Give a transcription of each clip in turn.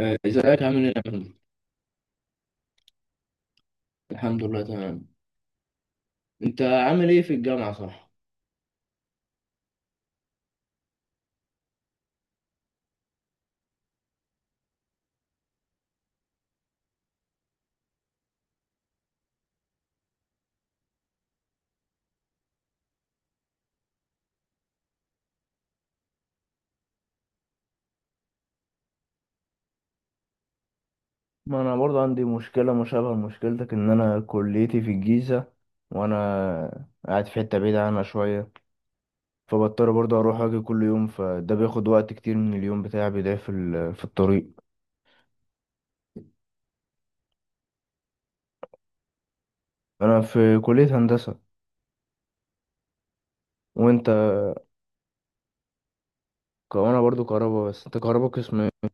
آه، ازيك عامل ايه يا محمد؟ الحمد لله تمام، انت عامل ايه في الجامعة صح؟ ما انا برضه عندي مشكله مشابهه لمشكلتك، ان انا كليتي في الجيزه وانا قاعد في حته بعيده عنها شويه، فبضطر برضه اروح اجي كل يوم، فده بياخد وقت كتير من اليوم بتاعي بيضيع في في الطريق. انا في كليه هندسه، وانت؟ وانا برضه كهربا، بس انت كهربا قسم ايه؟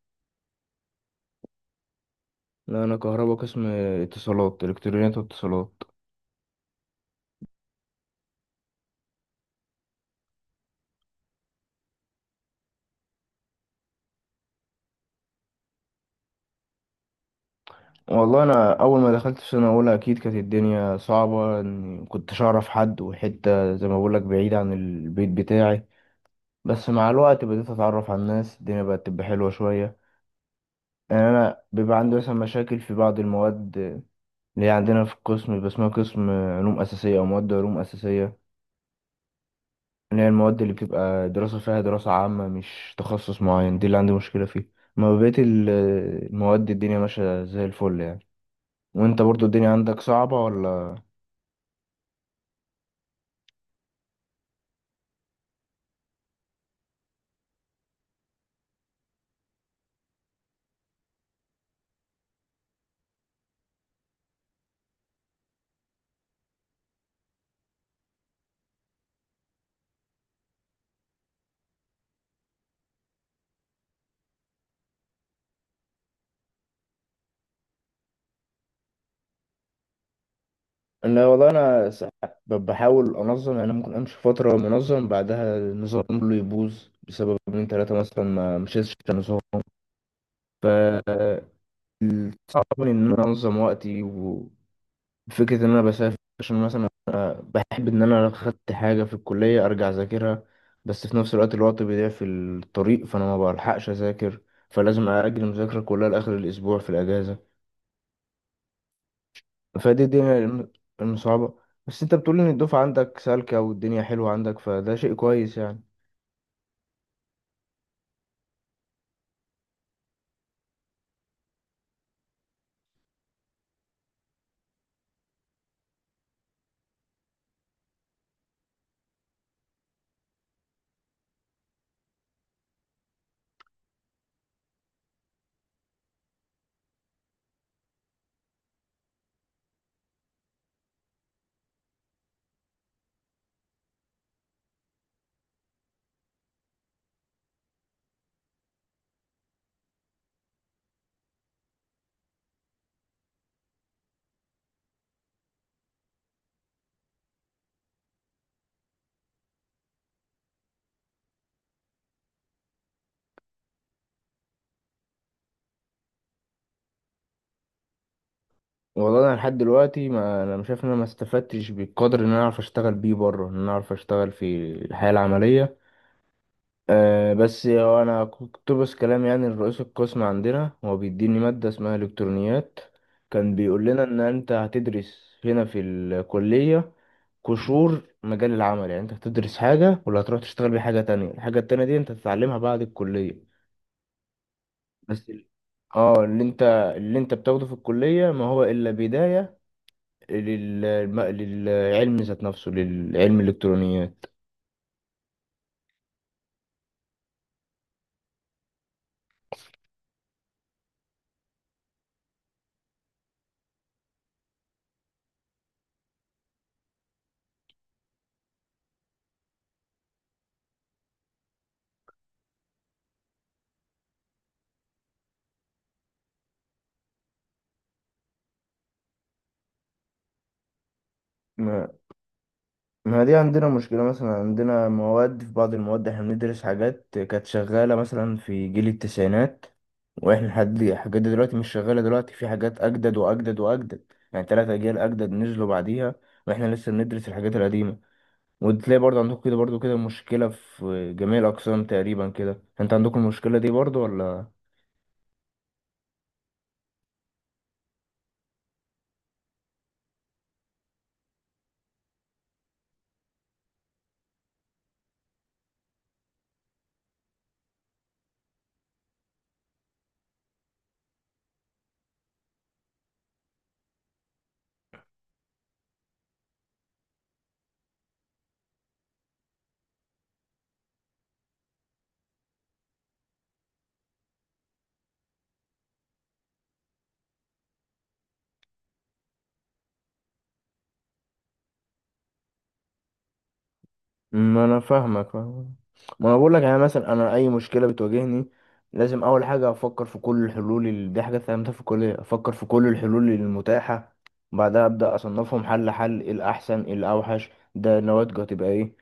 لا انا كهربا قسم اتصالات، الكترونيات واتصالات. والله انا اول ما دخلت في سنه اولى اكيد كانت الدنيا صعبه، اني كنتش اعرف حد، وحته زي ما بقول لك بعيد عن البيت بتاعي. بس مع الوقت بديت اتعرف على الناس، الدنيا بقت تبقى حلوه شويه. يعني انا بيبقى عندي مثلا مشاكل في بعض المواد، اللي هي عندنا في القسم بيبقى اسمها قسم علوم اساسيه، او مواد علوم اساسيه، اللي هي المواد اللي بتبقى دراسه فيها دراسه عامه مش تخصص معين، دي اللي عندي مشكله فيها. ما بقيت ال- المواد الدنيا ماشيه زي الفل يعني. وانت برضو الدنيا عندك صعبه ولا؟ انا والله بحاول انظم، يعني أنا ممكن امشي فتره منظم بعدها النظام كله يبوظ بسبب من ثلاثه مثلا ما مشيتش في النظام. ف صعب ان انا انظم وقتي، وفكره ان انا بسافر، عشان مثلا أنا بحب ان انا لو خدت حاجه في الكليه ارجع اذاكرها، بس في نفس الوقت الوقت بيضيع في الطريق فانا ما بلحقش اذاكر، فلازم اجل المذاكره كلها لاخر الاسبوع في الاجازه. فدي دي الم- المصعبة. بس انت بتقول ان الدفعة عندك سالكة والدنيا حلوة عندك، فده شيء كويس يعني. والله انا لحد دلوقتي ما انا مش شايف ان انا ما استفدتش بالقدر ان انا اعرف اشتغل بيه بره، ان انا اعرف اشتغل في الحياة العملية. أه، بس هو انا كنت بس كلام، يعني الرئيس القسم عندنا، هو بيديني مادة اسمها الكترونيات، كان بيقول لنا ان انت هتدرس هنا في الكلية قشور مجال العمل، يعني انت هتدرس حاجة ولا هتروح تشتغل بيها حاجة تانية، الحاجة التانية دي انت هتتعلمها بعد الكلية. بس ال- اه، اللي انت بتاخده في الكلية ما هو الا بداية للعلم ذات نفسه، للعلم الالكترونيات. ما... ما دي عندنا مشكلة، مثلا عندنا مواد، في بعض المواد احنا بندرس حاجات كانت شغالة مثلا في جيل التسعينات، واحنا لحد الحاجات دي دلوقتي، مش شغالة دلوقتي، في حاجات اجدد واجدد واجدد، يعني 3 اجيال اجدد نزلوا بعديها، واحنا لسه بندرس الحاجات القديمة. وتلاقي برضه عندكم كده، برضه كده مشكلة في جميع الأقسام تقريبا كده، انت عندكم المشكلة دي برضه ولا؟ ما انا فاهمك فاهمك، ما انا بقول لك، يعني مثلا انا اي مشكلة بتواجهني لازم اول حاجة افكر في كل الحلول، دي حاجة اتعلمتها في الكلية، افكر في كل الحلول المتاحة، بعدها ابدا اصنفهم حل حل، إيه الاحسن، إيه الاوحش، ده نواتجه هتبقى ايه.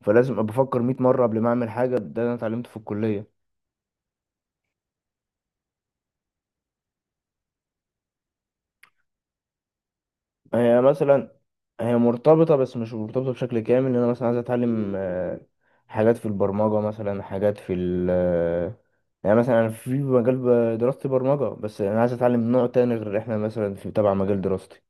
فلازم ابقى افكر 100 مرة قبل ما اعمل حاجة، ده انا اتعلمته في الكلية. هي مثلا، هي مرتبطة بس مش مرتبطة بشكل كامل، ان انا مثلا عايز اتعلم حاجات في البرمجة، مثلا حاجات في ال يعني مثلا انا في مجال دراستي برمجة، بس انا عايز اتعلم نوع تاني غير احنا مثلا في تبع مجال دراستي،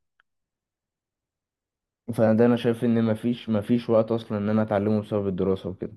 فانا ده انا شايف ان مفيش وقت اصلا ان انا اتعلمه بسبب الدراسة وكده.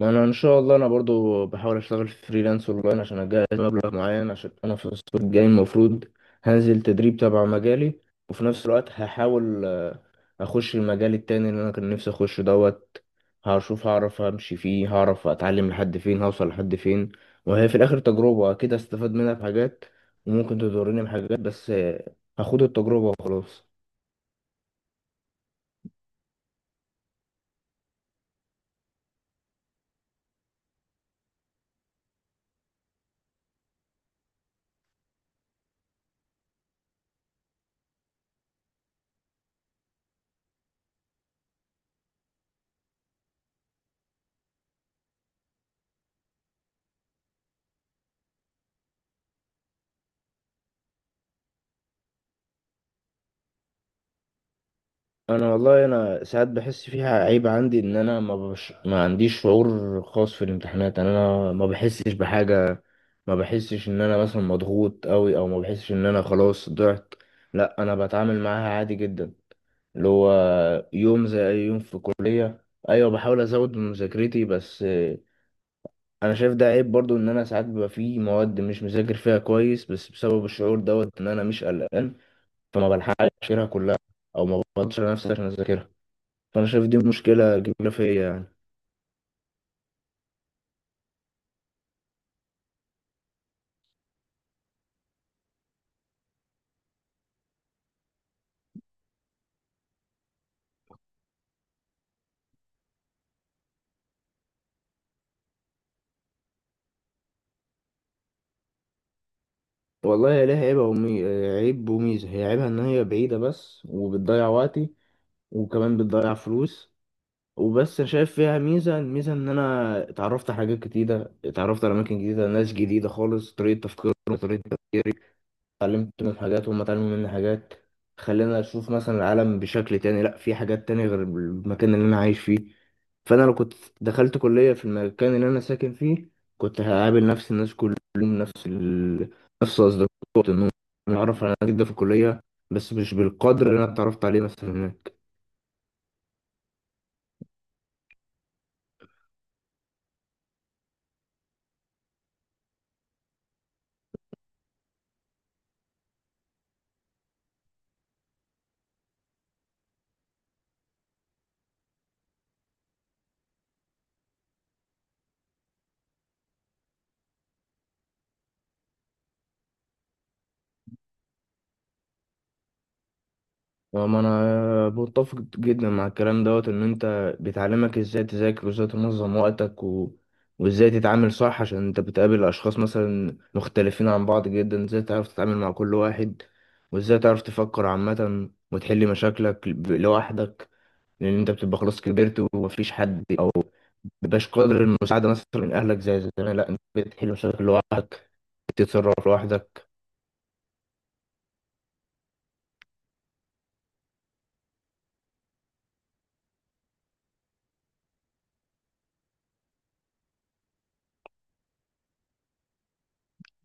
انا ان شاء الله انا برضو بحاول اشتغل فريلانس اونلاين، عشان اجهز مبلغ معين، عشان انا في الصيف الجاي المفروض هنزل تدريب تبع مجالي، وفي نفس الوقت هحاول اخش المجال التاني اللي انا كان نفسي اخش دوت، هشوف هعرف امشي فيه، هعرف اتعلم لحد فين، هوصل لحد فين. وهي في الاخر تجربة اكيد استفاد منها بحاجات وممكن تضرني بحاجات، بس هاخد التجربة وخلاص. انا والله انا ساعات بحس فيها عيب عندي، ان انا ما عنديش شعور خاص في الامتحانات، يعني انا ما بحسش بحاجة، ما بحسش ان انا مثلا مضغوط قوي، او ما بحسش ان انا خلاص ضعت، لا انا بتعامل معاها عادي جدا، اللي هو يوم زي أي يوم في الكلية. أيوة، بحاول أزود من مذاكرتي، بس أنا شايف ده عيب برضو، إن أنا ساعات بيبقى فيه مواد مش مذاكر فيها كويس بس بسبب الشعور دوت، إن أنا مش قلقان، فما بلحقش أذاكرها كلها، أو ما بفضلش على نفسي عشان أذاكرها، فأنا شايف دي مشكلة كبيرة فيا يعني. والله هي ليها عيب وميزة. هي عيبها إن هي بعيدة بس، وبتضيع وقتي، وكمان بتضيع فلوس. وبس أنا شايف فيها ميزة، الميزة إن أنا اتعرفت على حاجات جديدة، اتعرفت على أماكن جديدة، ناس جديدة خالص، طريقة تفكيرهم، طريقة تفكيري، اتعلمت منهم حاجات وهم اتعلموا مني حاجات، خلينا أشوف مثلا العالم بشكل تاني، لأ في حاجات تانية غير المكان اللي أنا عايش فيه. فأنا لو كنت دخلت كلية في المكان اللي أنا ساكن فيه كنت هقابل نفس الناس كل يوم، نفس أصدقاء النوم. أنا أعرف على ناس جدا في الكلية بس مش بالقدر اللي أنا اتعرفت عليه مثلا هناك. وما انا متفق جدا مع الكلام دوت، ان انت بتعلمك ازاي تذاكر، وازاي تنظم وقتك، وازاي تتعامل صح، عشان انت بتقابل اشخاص مثلا مختلفين عن بعض جدا، ازاي تعرف تتعامل مع كل واحد، وازاي تعرف تفكر عامة، وتحل مشاكلك لوحدك، لان انت بتبقى خلاص كبرت، ومفيش حد، او مبيبقاش قادر المساعدة مثلا من اهلك زي زمان، لا انت بتحل مشاكل لوحدك، بتتصرف لوحدك.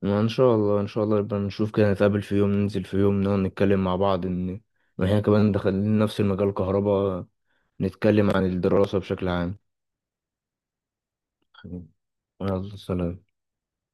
ما ان شاء الله، ان شاء الله يبقى نشوف كده، نتقابل في يوم، ننزل في يوم، نقعد نتكلم مع بعض، إن احنا كمان دخلنا نفس المجال كهرباء، نتكلم عن الدراسة بشكل عام. يلا سلام.